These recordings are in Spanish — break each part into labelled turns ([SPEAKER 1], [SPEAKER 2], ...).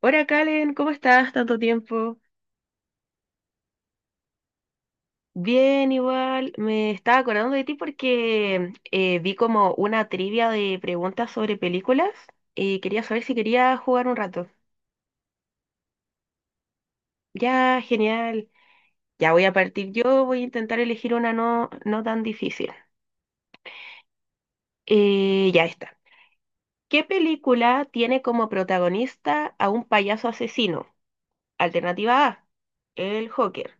[SPEAKER 1] Hola, Kalen, ¿cómo estás? Tanto tiempo. Bien, igual. Me estaba acordando de ti porque vi como una trivia de preguntas sobre películas y quería saber si quería jugar un rato. Ya, genial. Ya voy a partir yo, voy a intentar elegir una no tan difícil. Ya está. ¿Qué película tiene como protagonista a un payaso asesino? Alternativa A, el Joker.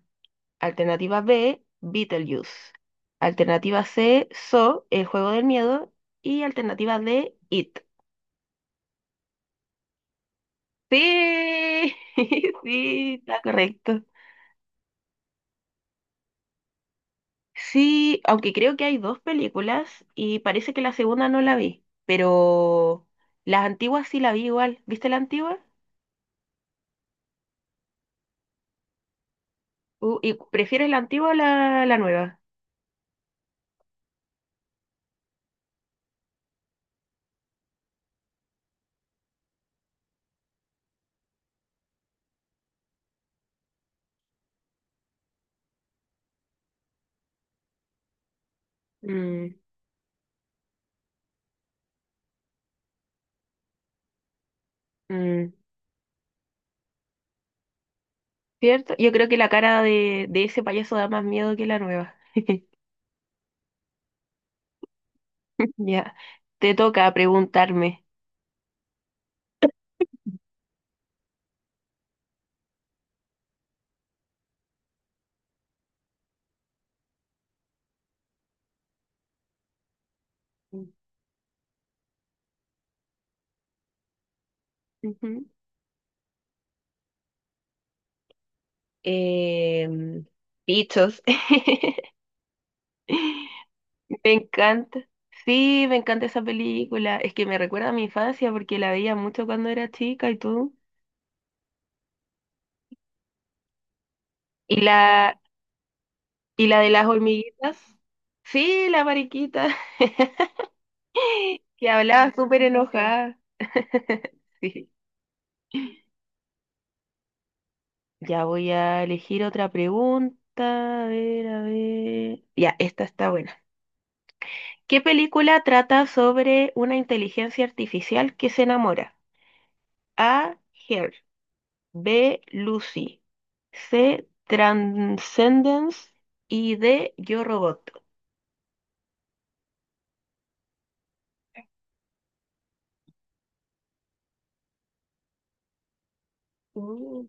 [SPEAKER 1] Alternativa B, Beetlejuice. Alternativa C, So, El juego del miedo. Y alternativa D, It. Sí, sí, está correcto. Sí, aunque creo que hay dos películas y parece que la segunda no la vi, pero las antiguas sí la vi igual. ¿Viste la antigua? ¿Y prefieres la antigua o la nueva? Mm, mm, ¿cierto? Yo creo que la cara de ese payaso da más miedo que la nueva. Ya, te toca preguntarme. Ujú. Em, bichos. Me encanta. Sí, me encanta esa película. Es que me recuerda a mi infancia porque la veía mucho cuando era chica y tú. Y la, y la de las hormiguitas. Sí, la mariquita que hablaba súper enojada. Sí. Ya voy a elegir otra pregunta. A ver, a ver. Ya, esta está buena. ¿Qué película trata sobre una inteligencia artificial que se enamora? A. Her. B. Lucy. C. Transcendence. Y D. Yo Robot. Mm.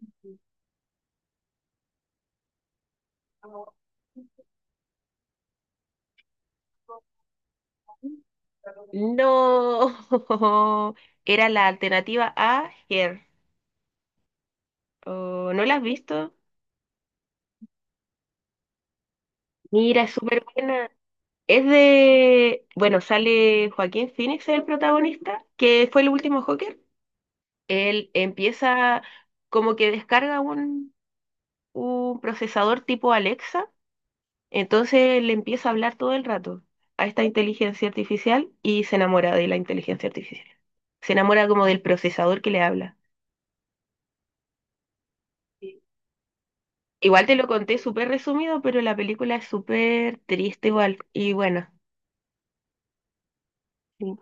[SPEAKER 1] No. Era la alternativa A. Her. Oh, ¿no la has visto? Mira, es súper buena. Es de... Bueno, sale Joaquín Phoenix, el protagonista, que fue el último Joker. Él empieza como que descarga un procesador tipo Alexa, entonces le empieza a hablar todo el rato a esta inteligencia artificial y se enamora de la inteligencia artificial. Se enamora como del procesador que le habla. Sí. Igual te lo conté súper resumido, pero la película es súper triste igual. Y bueno, sí.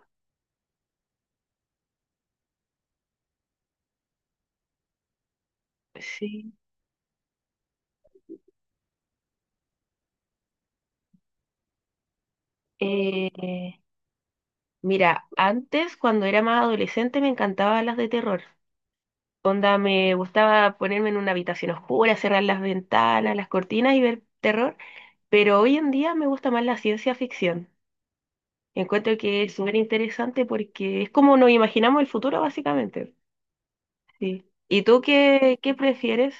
[SPEAKER 1] Sí. Eh, mira, antes cuando era más adolescente me encantaban las de terror. Onda, me gustaba ponerme en una habitación oscura, cerrar las ventanas, las cortinas y ver terror, pero hoy en día me gusta más la ciencia ficción. Encuentro que es súper interesante porque es como nos imaginamos el futuro, básicamente. Sí. ¿Y tú qué prefieres?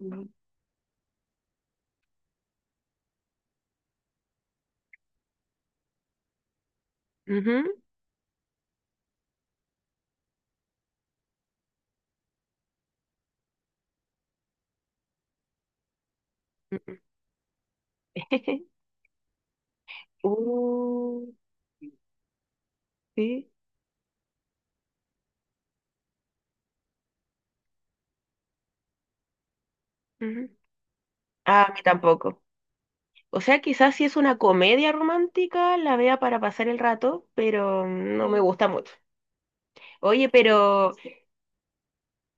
[SPEAKER 1] Mm. Ujú. Uh, sí. Ujú. Ah, a mí tampoco. O sea, quizás si es una comedia romántica, la vea para pasar el rato, pero no me gusta mucho. Oye, pero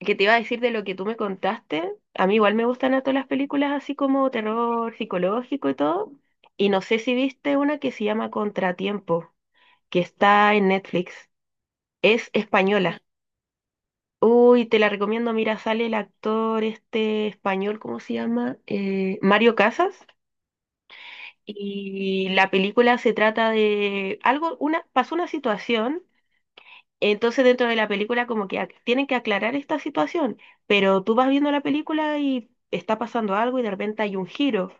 [SPEAKER 1] que te iba a decir de lo que tú me contaste, a mí igual me gustan a todas las películas así como terror psicológico y todo, y no sé si viste una que se llama Contratiempo, que está en Netflix, es española. Uy, te la recomiendo, mira, sale el actor este español, ¿cómo se llama? Mario Casas, y la película se trata de algo, pasó una situación. Entonces dentro de la película como que tienen que aclarar esta situación, pero tú vas viendo la película y está pasando algo y de repente hay un giro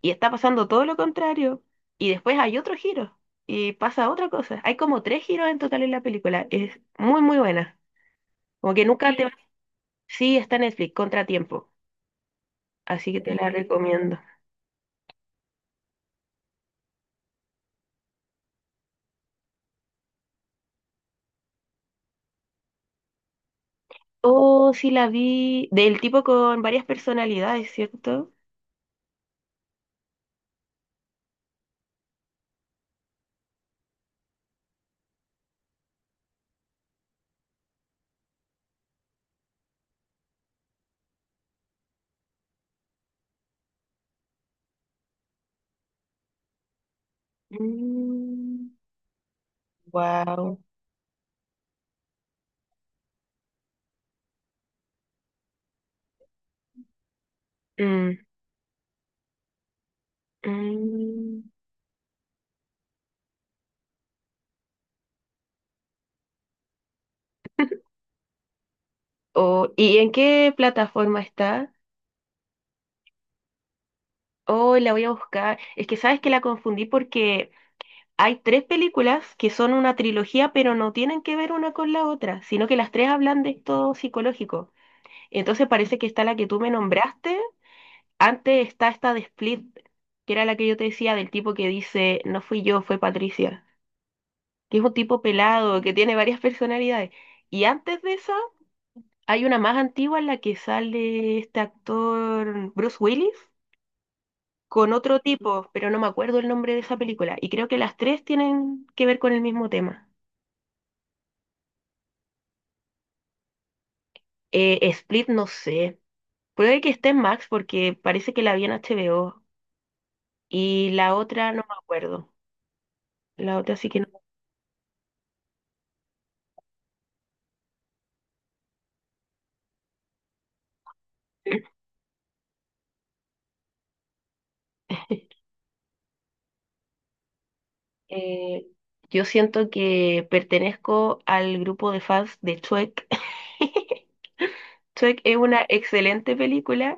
[SPEAKER 1] y está pasando todo lo contrario y después hay otro giro y pasa otra cosa. Hay como tres giros en total en la película. Es muy muy buena. Como que nunca te... Sí. Sí, está en Netflix, Contratiempo. Así que te la recomiendo. Oh, sí la vi del tipo con varias personalidades, ¿cierto? Mm, wow. Mm, mm. Oh, ¿y en qué plataforma está? Oh, la voy a buscar. Es que sabes que la confundí porque hay tres películas que son una trilogía, pero no tienen que ver una con la otra, sino que las tres hablan de esto psicológico. Entonces parece que está la que tú me nombraste. Antes está esta de Split, que era la que yo te decía del tipo que dice, no fui yo, fue Patricia, que es un tipo pelado, que tiene varias personalidades. Y antes de esa, hay una más antigua en la que sale este actor Bruce Willis con otro tipo, pero no me acuerdo el nombre de esa película. Y creo que las tres tienen que ver con el mismo tema. Split, no sé. Puede que esté en Max porque parece que la vi en HBO. Y la otra no me acuerdo. La otra sí que no. Eh, yo siento que pertenezco al grupo de fans de Shrek. Shrek es una excelente película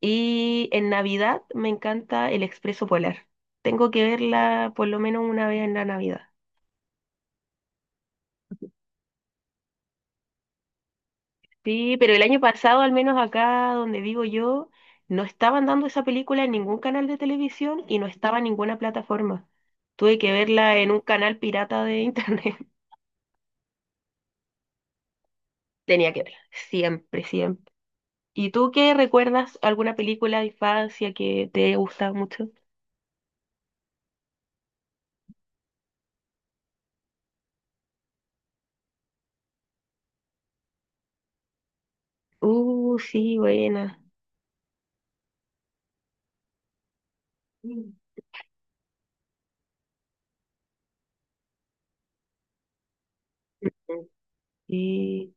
[SPEAKER 1] y en Navidad me encanta El Expreso Polar. Tengo que verla por lo menos una vez en la Navidad. Sí, pero el año pasado, al menos acá donde vivo yo, no estaban dando esa película en ningún canal de televisión y no estaba en ninguna plataforma. Tuve que verla en un canal pirata de internet. Tenía que verla, siempre, siempre. ¿Y tú qué recuerdas? ¿Alguna película de infancia que te gusta mucho? Sí, buena. Mm. Sí.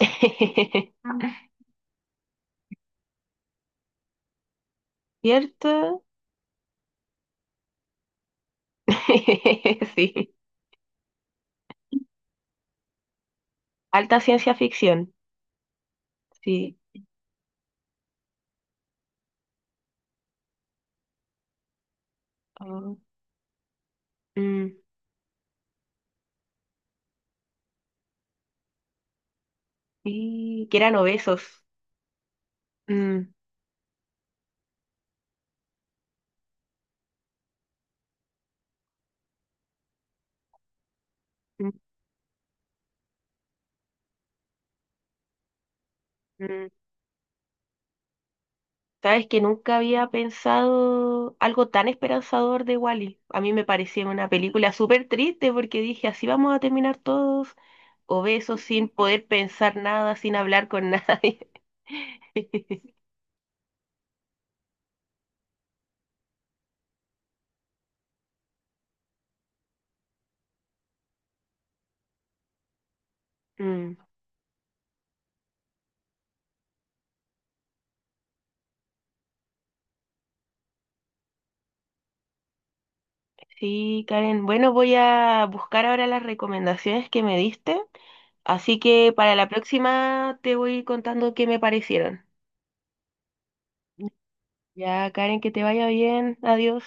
[SPEAKER 1] ¿Cierto? Sí. Alta ciencia ficción. Sí. Ah. Mm. Y que eran obesos. Mm, mm, mm. Sabes que nunca había pensado algo tan esperanzador de Wally. A mí me parecía una película súper triste porque dije, así vamos a terminar todos obesos sin poder pensar nada, sin hablar con nadie. Mm. Sí, Karen. Bueno, voy a buscar ahora las recomendaciones que me diste. Así que para la próxima te voy contando qué me parecieron. Ya, Karen, que te vaya bien. Adiós.